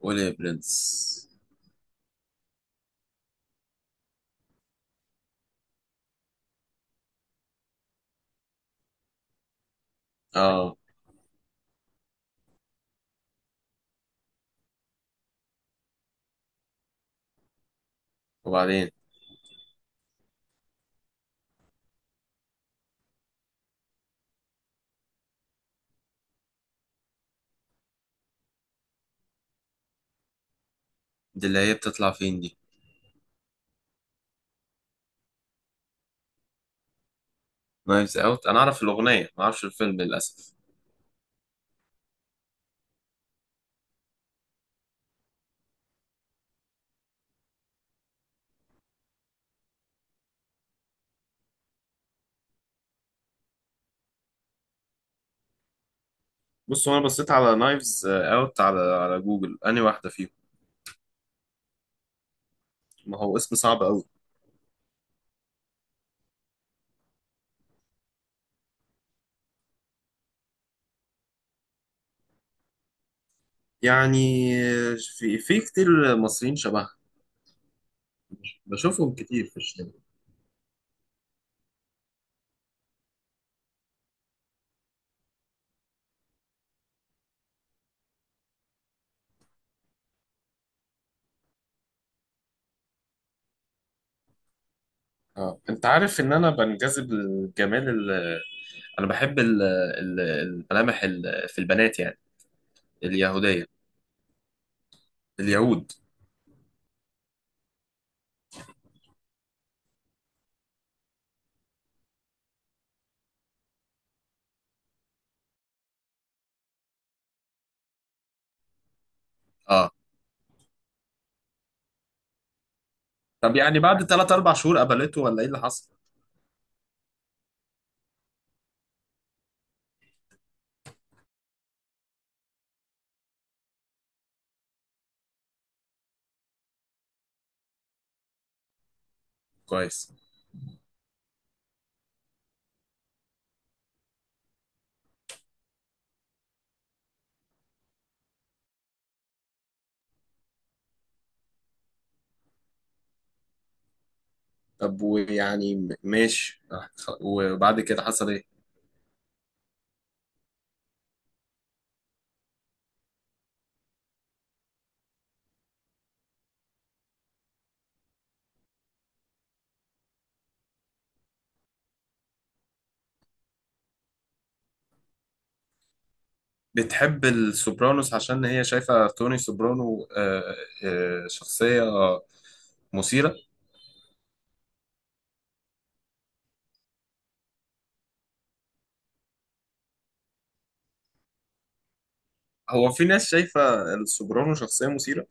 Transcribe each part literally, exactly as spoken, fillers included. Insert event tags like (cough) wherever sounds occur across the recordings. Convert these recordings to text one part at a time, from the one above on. قول يا برنس. اه، وبعدين؟ دي اللي هي بتطلع فين دي؟ نايفز اوت، انا اعرف الاغنيه ما اعرفش الفيلم للاسف. بص، هو انا بصيت على نايفز اوت على على جوجل انهي واحده فيهم. ما هو اسم صعب قوي. يعني في في كتير مصريين شبهها. بشوفهم كتير في الشارع. اه، انت عارف ان انا بنجذب للجمال ال... انا بحب ال... ال... الملامح ال... في البنات يعني، اليهوديه. اليهود. اه. طب يعني بعد ثلاثة اربعة شهور قبلته ولا ايه اللي حصل؟ كويس. طب، ويعني م- ماشي، آه، خ- وبعد كده حصل ايه؟ بتحب السوبرانوس عشان هي شايفة توني سوبرانو، آه، آه، شخصية مثيرة. هو في ناس شايفة السوبرانو شخصية مثيرة.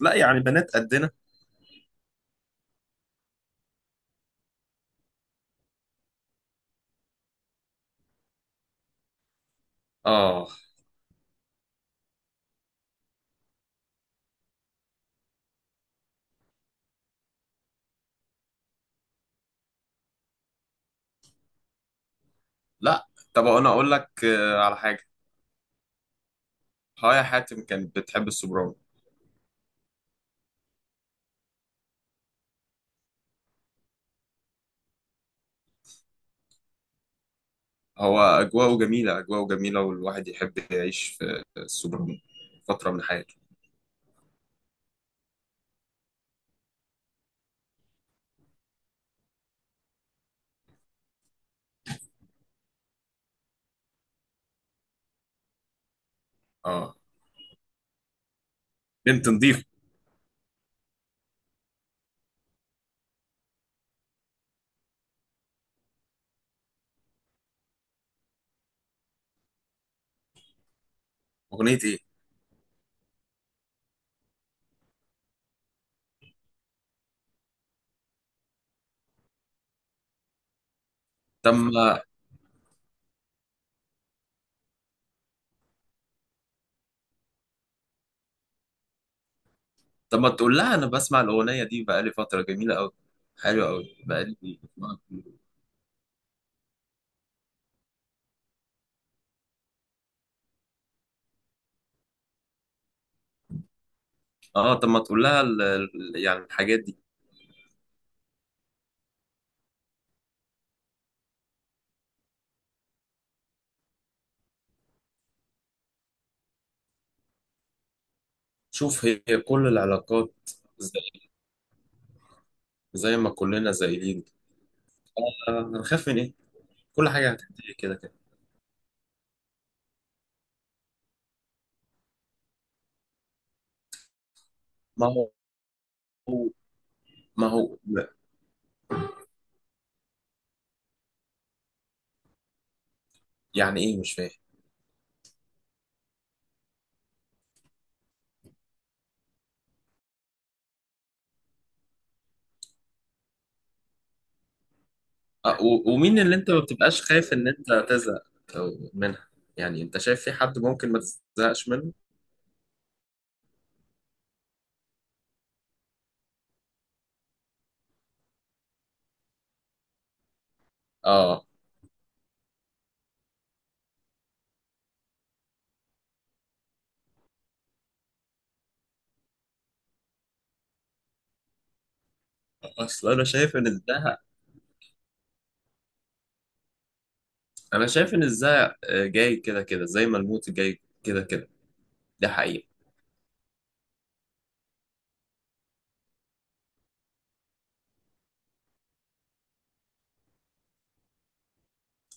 لا يعني بنات قدنا. اه. لا. طب، انا اقول لك آه، على حاجة. هايا حاتم كانت بتحب السوبرانو. هو اجواءه جميلة، اجواءه جميلة، والواحد يحب يعيش في السوبرانو فترة من حياته. اه، بنت نضيفة. اغنية ايه؟ تم. طب ما تقول لها انا بسمع الاغنيه دي بقالي فتره جميله قوي، حلوه قوي بقالي. اه، طب ما تقول لها ال- ال- يعني الحاجات دي. شوف، هي كل العلاقات زي, زي ما كلنا زايلين. آه، هنخاف من ايه؟ كل حاجه هتنتهي كده كده. ما هو ما هو يعني ايه مش فاهم؟ آه و- ومين اللي انت ما بتبقاش خايف ان انت تزهق منها؟ يعني انت شايف في حد ممكن ما تزهقش منه؟ اه. اصل انا شايف ان ده، انا شايف ان الزهق آه، جاي كده كده زي ما الموت جاي كده كده. دي حقيقة.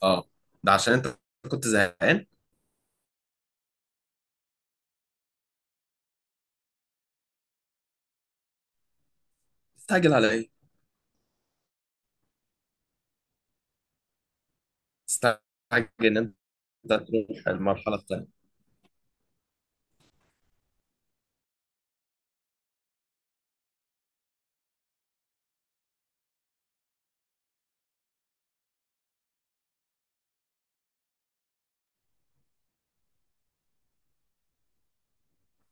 اه، ده عشان انت كنت زهقان. تستعجل على ايه؟ تستعجل ان انت تروح المرحلة التانية.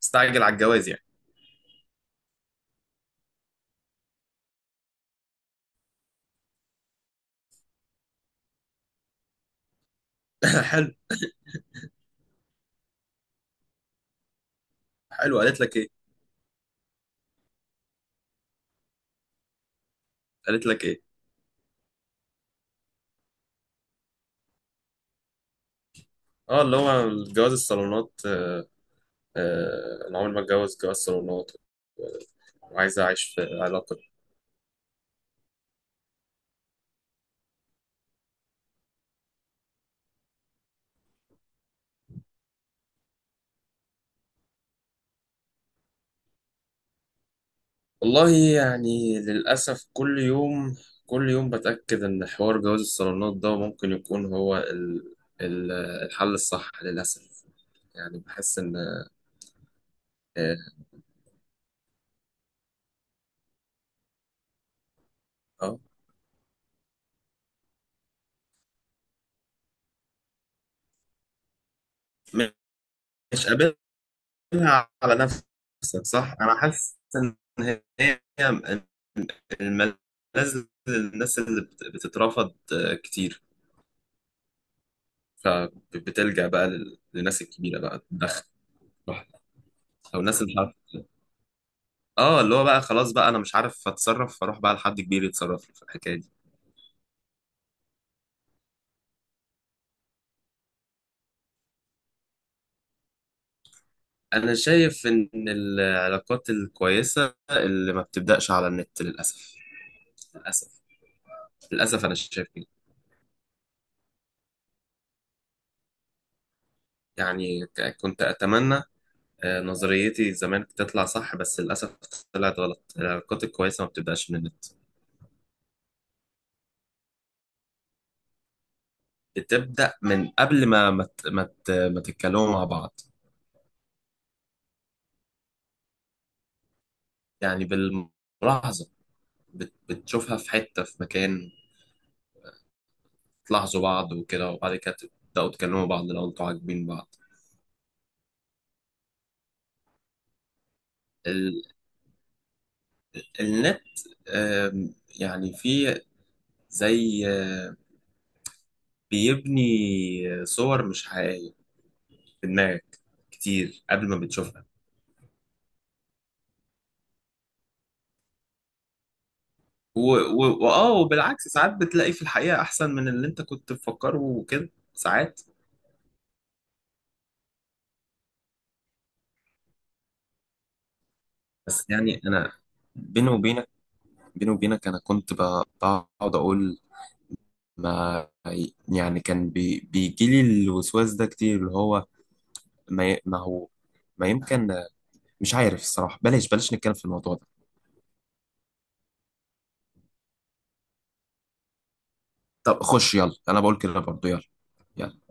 تستعجل على الجواز يعني. (laughs) حلو. حلو، قالت لك ايه؟ قالت لك ايه؟ اه، اللي هو جواز الصالونات. آه، آه، انا عمري ما اتجوز جواز صالونات. آه، وعايز اعيش في علاقة. والله، يعني للأسف، كل يوم كل يوم بتأكد إن حوار جواز الصالونات ده ممكن يكون هو ال- ال- الحل الصح للأسف. يعني بحس إن، آه مش، قابلها على نفسك. صح، أنا حاسس إن هي الملاذ للناس اللي بت- بتترفض آه، كتير. فبتلجأ بقى لل- للناس الكبيرة بقى تدخل. أو الناس اللي اه، اللي هو بقى خلاص بقى انا مش عارف اتصرف، فاروح بقى لحد كبير يتصرف لي في الحكايه دي. انا شايف ان العلاقات الكويسه اللي ما بتبداش على النت، للاسف، للاسف. للاسف انا شايف كده. يعني ك- كنت اتمنى آه، نظريتي زمان تطلع صح، بس للاسف طلعت غلط. العلاقات الكويسه ما بتبداش من النت. بتبدا من قبل ما ما ت- ما ت- ما تتكلموا مع بعض. يعني بالملاحظه، بت- بتشوفها في حته في مكان. تلاحظوا بعض وكده، وبعد كده تبدأوا تكلموا بعض لو انتوا عاجبين بعض. ال... النت، آم، يعني في زي، آه، بيبني صور مش حقيقية في دماغك كتير قبل ما بتشوفها. و... و... وآه وبالعكس ساعات بتلاقي في الحقيقة أحسن من اللي انت كنت مفكره، وكده ساعات. بس يعني أنا، بيني وبينك، بيني وبينك أنا كنت ب- بقعد أقول، ما، يعني كان بي... بيجيلي الوسواس ده كتير، اللي هو ما ي- ما هو، ما يمكن، مش عارف، الصراحة بلاش بلاش نتكلم في الموضوع ده. طب خش، يلا انا بقول كده برضه، يلا. يلا.